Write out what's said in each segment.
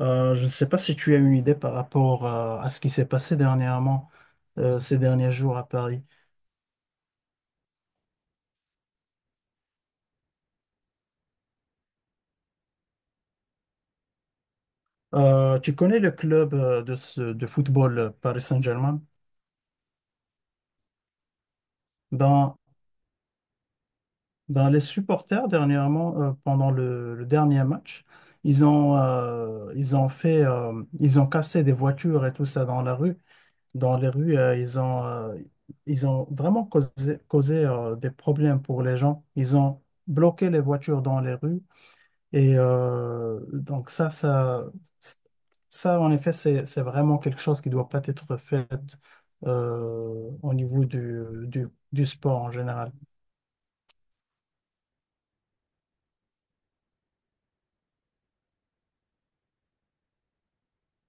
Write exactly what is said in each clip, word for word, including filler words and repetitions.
Euh, je ne sais pas si tu as une idée par rapport euh, à ce qui s'est passé dernièrement, euh, ces derniers jours à Paris. Euh, tu connais le club euh, de, ce- de football euh, Paris Saint-Germain? Ben, ben, les supporters dernièrement, euh, pendant le, le dernier match, ils ont, euh, ils ont fait, euh, ils ont cassé des voitures et tout ça dans la rue. Dans les rues, euh, ils ont, euh, ils ont vraiment causé, causé, euh, des problèmes pour les gens. Ils ont bloqué les voitures dans les rues. Et euh, donc ça, ça, ça, en effet, c'est, c'est vraiment quelque chose qui doit pas être fait euh, au niveau du, du, du sport en général.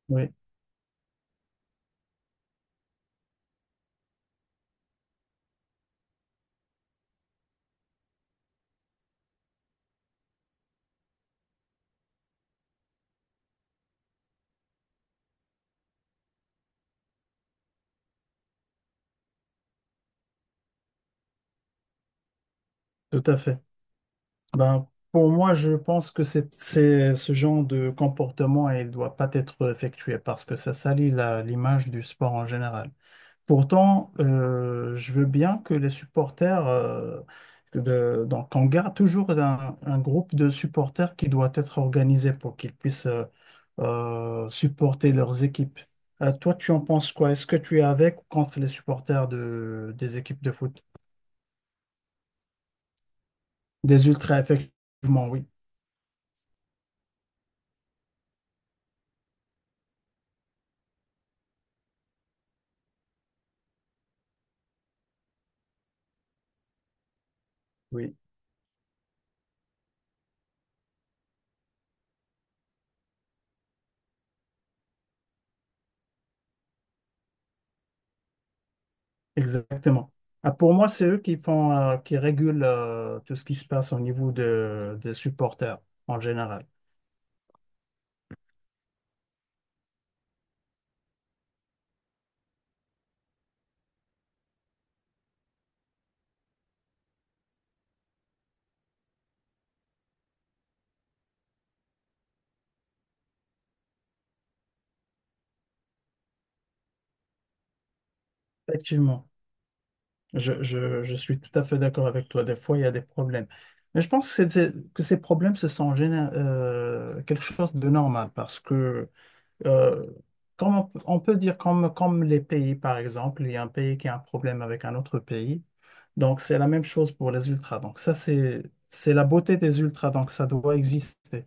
Oui, tout à fait. Ben, pour moi, je pense que c'est, c'est ce genre de comportement, il doit pas être effectué parce que ça salit la- l'image du sport en général. Pourtant, euh, je veux bien que les supporters, euh, de- donc on garde toujours un, un groupe de supporters qui doit être organisé pour qu'ils puissent euh, euh, supporter leurs équipes. Euh, toi, tu en penses quoi? Est-ce que tu es avec ou contre les supporters de, des équipes de foot? Des ultras, effectivement, oui. Oui, exactement. Ah, pour moi, c'est eux qui font, euh, qui régulent euh, tout ce qui se passe au niveau de, des supporters en général. Effectivement. Je, je- je suis tout à fait d'accord avec toi. Des fois, il y a des problèmes. Mais je pense que, c'est- que ces problèmes, ce sont géné- euh, quelque chose de normal parce que, euh, comme on, peut on peut dire, comme, comme les pays, par exemple, il y a un pays qui a un problème avec un autre pays. Donc, c'est la même chose pour les ultras. Donc, ça, c'est, c'est la beauté des ultras. Donc, ça doit exister.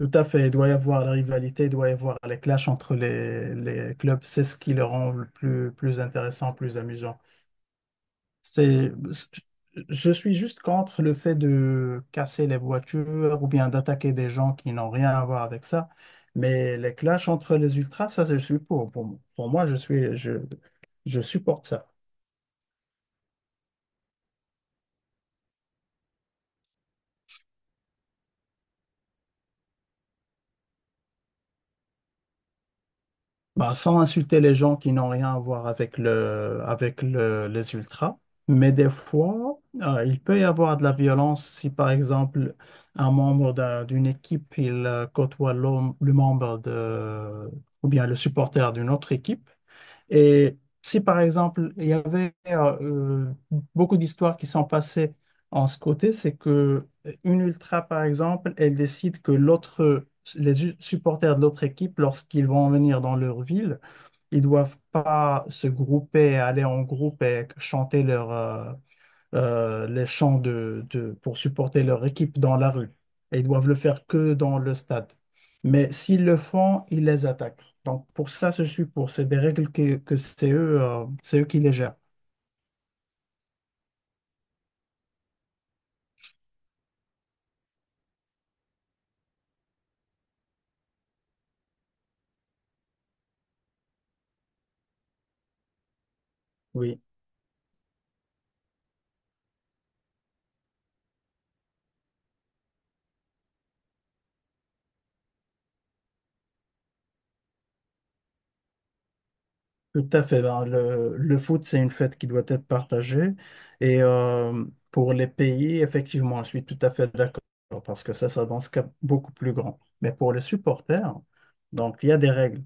Tout à fait. Il doit y avoir la rivalité, il doit y avoir les clashs entre les, les clubs. C'est ce qui le rend le plus, plus intéressant, plus amusant. C'est, je suis juste contre le fait de casser les voitures ou bien d'attaquer des gens qui n'ont rien à voir avec ça. Mais les clashs entre les ultras, ça, je suis pour. Pour, pour moi, je suis, je, je supporte ça. Bah, sans insulter les gens qui n'ont rien à voir avec le, avec le- les ultras. Mais des fois, euh, il peut y avoir de la violence si, par exemple, un membre d'un- d'une équipe, il euh, côtoie l'homme- le membre de, ou bien le supporter d'une autre équipe. Et si, par exemple, il y avait euh, beaucoup d'histoires qui sont passées en ce côté, c'est que une ultra, par exemple, elle décide que l'autre, les u- supporters de l'autre équipe, lorsqu'ils vont venir dans leur ville, ils doivent pas se grouper, aller en groupe et chanter leur, euh, euh, les champs de, de- pour supporter leur équipe dans la rue. Et ils doivent le faire que dans le stade. Mais s'ils le font, ils les attaquent. Donc pour ça, je suis pour. C'est des règles que, que c'est eux, euh, c'est eux qui les gèrent. Oui. Tout à fait. Ben, le, le foot, c'est une fête qui doit être partagée. Et euh, pour les pays, effectivement, je suis tout à fait d'accord parce que ça, ça dans ce cas beaucoup plus grand. Mais pour les supporters, donc il y a des règles.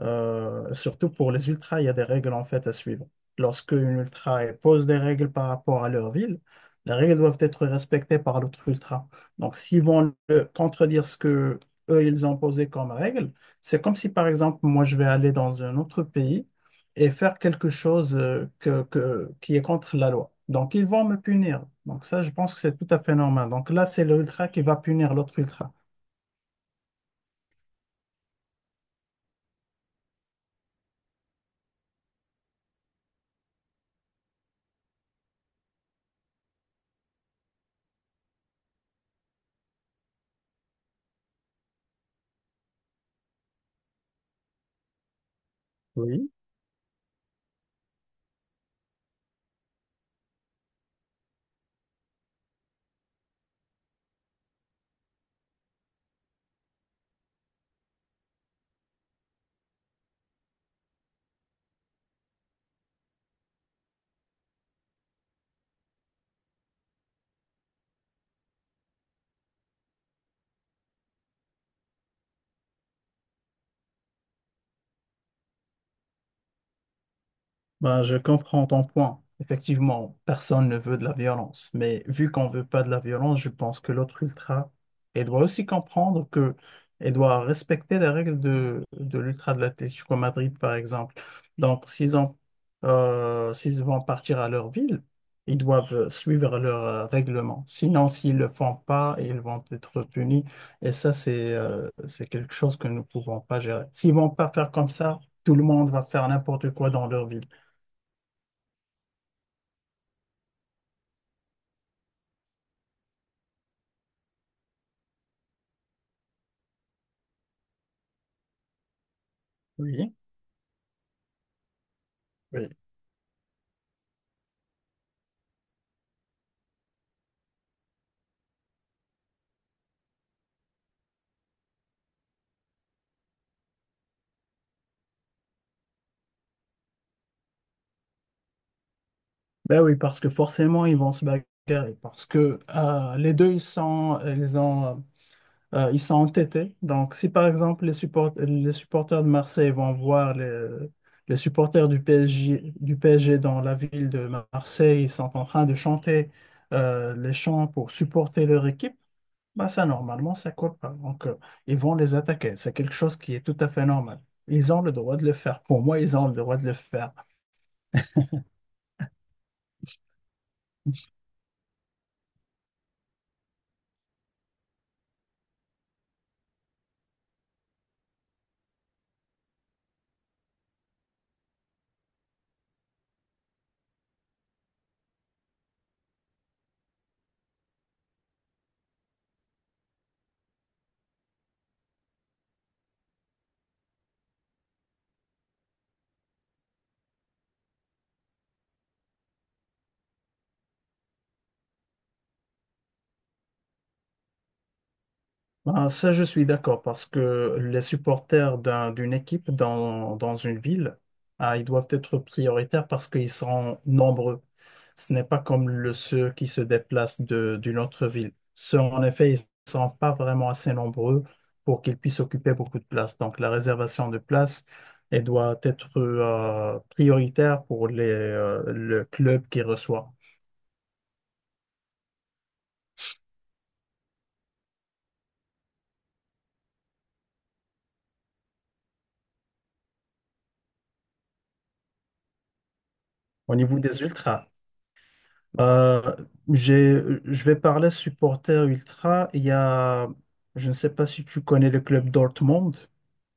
Euh, surtout pour les ultras, il y a des règles en fait à suivre. Lorsque une ultra elle pose des règles par rapport à leur ville, les règles doivent être respectées par l'autre ultra. Donc s'ils vont euh, contredire ce que eux ils ont posé comme règle, c'est comme si par exemple moi je vais aller dans un autre pays et faire quelque chose euh, que, que- qui est contre la loi. Donc, ils vont me punir. Donc, ça, je pense que c'est tout à fait normal. Donc, là, c'est l'ultra qui va punir l'autre ultra. Oui. Ben, je comprends ton point. Effectivement, personne ne veut de la violence, mais vu qu'on veut pas de la violence, je pense que l'autre ultra, elle doit aussi comprendre que elle doit respecter les règles de, de l'ultra de l'Atlético Madrid, par exemple. Donc, s'ils ont, euh, s'ils vont partir à leur ville, ils doivent suivre leurs euh, règlements. Sinon, s'ils le font pas, ils vont être punis. Et ça, c'est euh, c'est quelque chose que nous ne pouvons pas gérer. S'ils vont pas faire comme ça, tout le monde va faire n'importe quoi dans leur ville. Oui. Oui. Ben oui, parce que forcément, ils vont se bagarrer. Parce que euh, les deux, ils sont, ils ont, euh, ils sont entêtés. Donc, si par exemple, les, support- les supporters de Marseille vont voir les, les supporters du P S G, du P S G dans la ville de Marseille, ils sont en train de chanter euh, les chants pour supporter leur équipe, ben ça, normalement, ça colle pas. Donc, euh, ils vont les attaquer. C'est quelque chose qui est tout à fait normal. Ils ont le droit de le faire. Pour moi, ils ont le droit de le faire. Ben, ça, je suis d'accord parce que les supporters d'un- d'une équipe dans, dans une ville, ah, ils doivent être prioritaires parce qu'ils sont nombreux. Ce n'est pas comme le, ceux qui se déplacent de, d'une autre ville. Ceux, en effet, ils ne sont pas vraiment assez nombreux pour qu'ils puissent occuper beaucoup de place. Donc, la réservation de place, elle doit être euh, prioritaire pour les, euh, le club qui reçoit. Au niveau des ultras, Euh, j'ai, je vais parler supporter ultra. Il y a, je ne sais pas si tu connais le club Dortmund.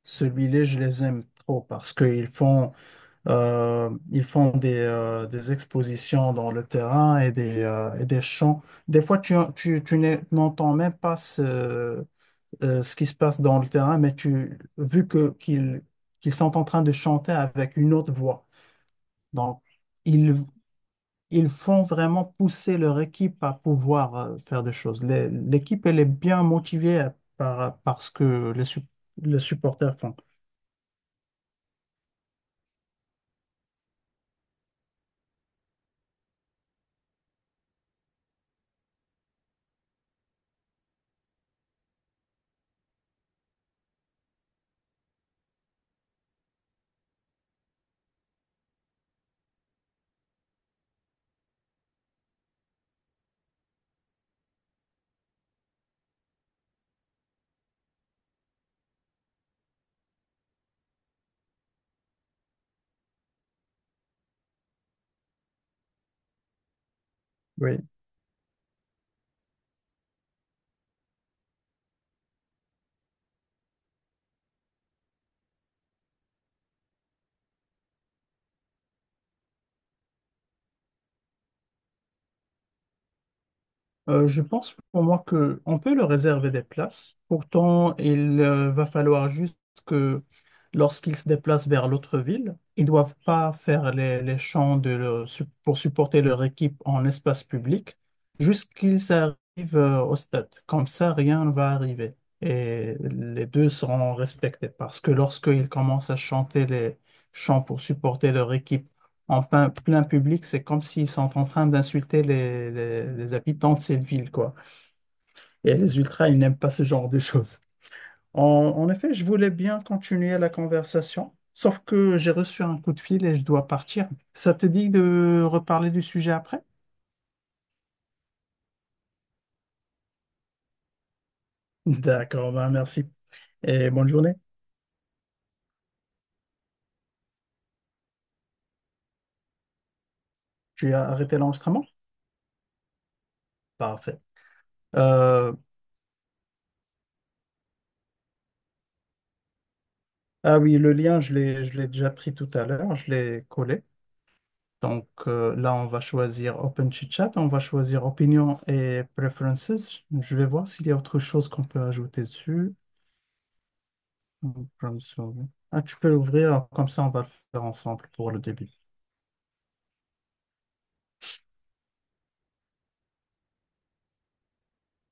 Celui-là, je les aime trop parce qu'ils font, euh, ils font des, euh, des expositions dans le terrain et des, euh, et des chants. Des fois, tu, tu, tu n'es- n'entends même pas ce, euh, ce qui se passe dans le terrain, mais tu, vu que qu'ils, qu'ils sont en train de chanter avec une autre voix. Donc, ils font vraiment pousser leur équipe à pouvoir euh, faire des choses. Les- L'équipe, elle est bien motivée par, par ce que les, sup- les supporters font. Oui. Euh, je pense pour moi que on peut leur réserver des places. Pourtant, il euh, va falloir juste que lorsqu'ils se déplacent vers l'autre ville, ils ne doivent pas faire les, les champs de leur- su- pour supporter leur équipe en espace public jusqu'ils arrivent euh, au stade. Comme ça, rien ne va arriver. Et les deux seront respectés parce que lorsqu'ils commencent à chanter les chants pour supporter leur équipe en plein, plein public, c'est comme s'ils sont en train d'insulter les, les- les habitants de cette ville, quoi. Et les ultras, ils n'aiment pas ce genre de choses. En, en effet, je voulais bien continuer la conversation, sauf que j'ai reçu un coup de fil et je dois partir. Ça te dit de reparler du sujet après? D'accord, ben merci. Et bonne journée. Tu as arrêté l'enregistrement? Parfait. Euh, ah oui, le lien, je l'ai, je l'ai déjà pris tout à l'heure, je l'ai collé. Donc euh, là, on va choisir Open Chat. On va choisir Opinion et Preferences. Je vais voir s'il y a autre chose qu'on peut ajouter dessus. Comme ça. Ah, tu peux l'ouvrir, comme ça on va le faire ensemble pour le début.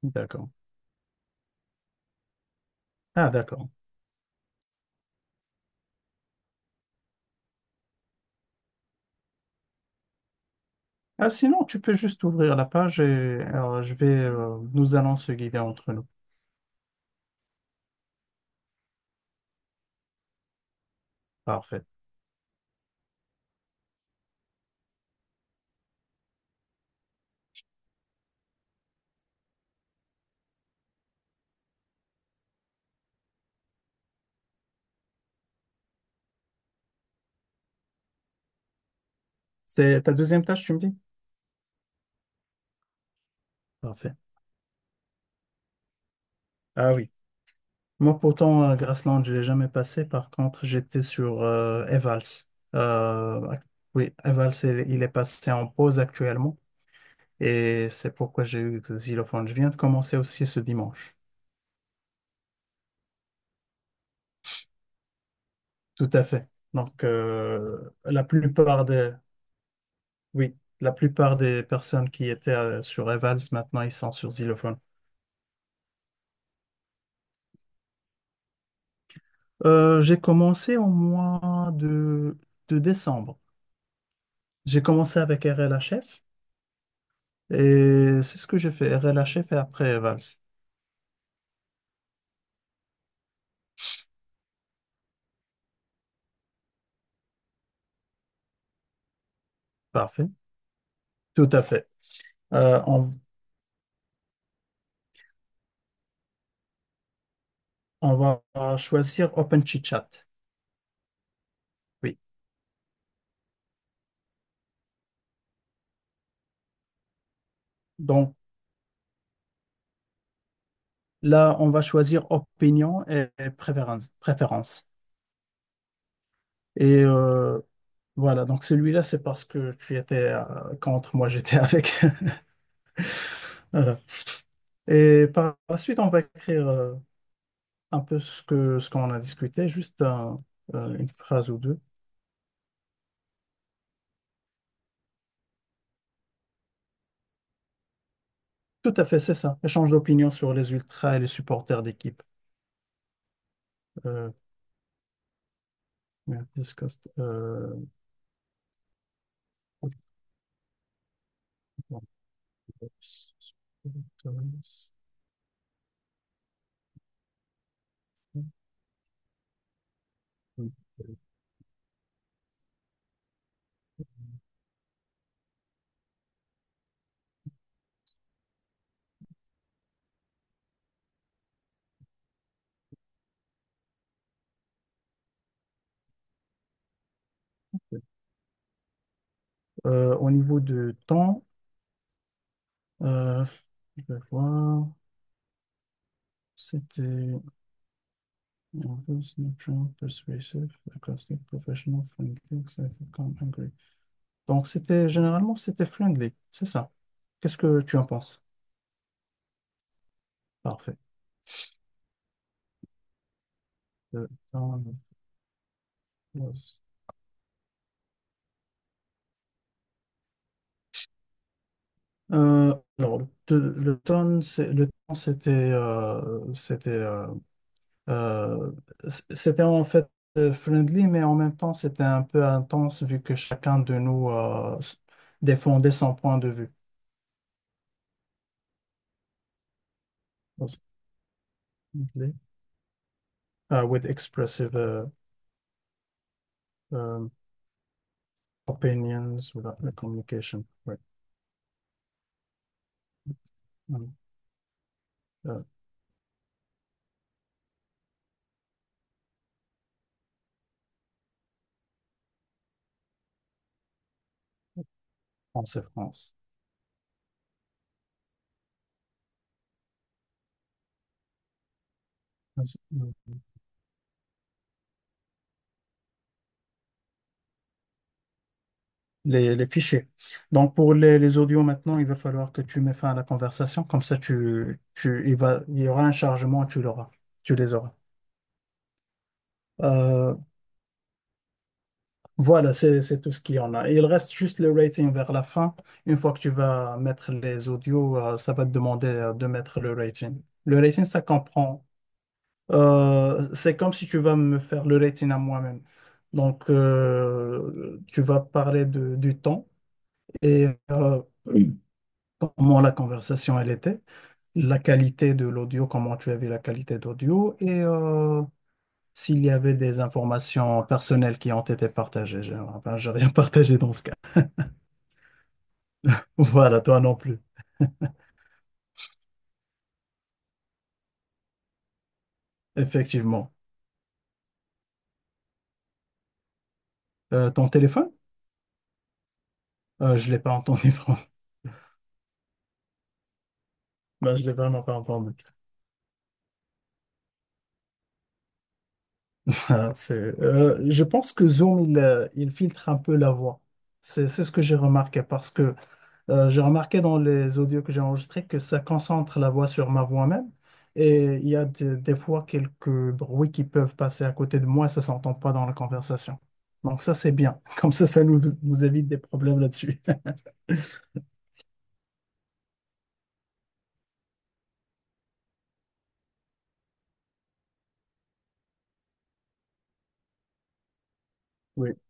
D'accord. Ah, d'accord. Ah, sinon, tu peux juste ouvrir la page et euh, je vais, euh, nous allons se guider entre nous. Parfait. C'est ta deuxième tâche, tu me dis? Parfait. Ah oui. Moi, pourtant, à Grassland, je l'ai jamais passé. Par contre, j'étais sur euh, Evals. Euh, ac- oui, Evals, il, il est passé en pause actuellement. Et c'est pourquoi j'ai eu Xylophone. Je viens de commencer aussi ce dimanche. Tout à fait. Donc, euh, la plupart des, oui, la plupart des personnes qui étaient euh, sur Evals, maintenant, ils sont sur Xylophone. Euh, j'ai commencé au mois de, de décembre. J'ai commencé avec R L H F. Et c'est ce que j'ai fait, R L H F et après Evals. Parfait. Tout à fait. Euh, on, on va choisir Open Chit Chat. Oui. Donc là, on va choisir opinion et préférence. Préférence. Et euh, voilà, donc celui-là, c'est parce que tu étais euh, contre, moi j'étais avec. Voilà. Et par la suite, on va écrire euh, un peu ce que ce qu'on a discuté, juste un- euh, une phrase ou deux. Tout à fait, c'est ça. Échange d'opinion sur les ultras et les supporters d'équipe. Euh, yeah, discussed. Euh, Euh, au niveau de temps, euh, je vais voir. C'était nervous, persuasive, sarcastic, professional, friendly, excited, calm, angry. Donc, c'était généralement, c'était friendly, c'est ça. Qu'est-ce que tu en penses? Parfait. Le temps, nervous. Euh, alors, le, le temps, c'est- le temps, c'était euh, c'était euh, Euh, c- c'était en fait euh, friendly, mais en même temps, c'était un peu intense vu que chacun de nous euh, s- défendait son point de vue. Was friendly? Uh, with expressive uh, um, opinions, with, uh, communication. Ouais. Mm. Euh, France et France. Mm. Les, les fichiers. Donc, pour les, les audios maintenant, il va falloir que tu mets fin à la conversation. Comme ça, tu, tu, il va, il y aura un chargement, tu l'auras. Tu les auras. Euh, Voilà, c'est c'est tout ce qu'il y en a. Il reste juste le rating vers la fin. Une fois que tu vas mettre les audios, euh, ça va te demander euh, de mettre le rating. Le rating, ça comprend. Euh, c'est comme si tu vas me faire le rating à moi-même. Donc, euh, tu vas parler de, du temps et euh, oui, comment la conversation elle était, la qualité de l'audio, comment tu avais la qualité d'audio et euh, s'il y avait des informations personnelles qui ont été partagées. J'ai Ben, j'ai rien partagé dans ce cas. Voilà, toi non plus, effectivement. Euh, ton téléphone? Euh, je l'ai pas entendu, franchement. Ben, je l'ai vraiment pas entendu. Ah, c'est- euh, je pense que Zoom, il, euh, il filtre un peu la voix. C'est c'est ce que j'ai remarqué parce que euh, j'ai remarqué dans les audios que j'ai enregistrés que ça concentre la voix sur ma voix même. Et il y a des, des fois quelques bruits qui peuvent passer à côté de moi, ça s'entend pas dans la conversation. Donc ça, c'est bien. Comme ça, ça nous, nous évite des problèmes là-dessus.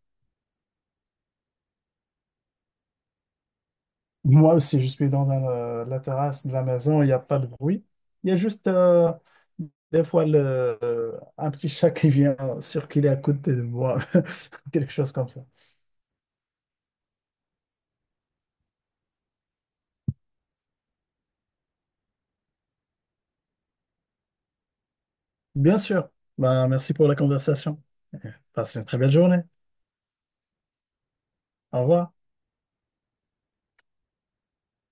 Moi aussi, je suis dans un, euh, la terrasse de la maison, il n'y a pas de bruit. Il y a juste euh, des fois le, euh, un petit chat qui vient circuler à côté de moi, quelque chose comme ça. Bien sûr. Ben, merci pour la conversation. Passe une très belle journée. Au revoir.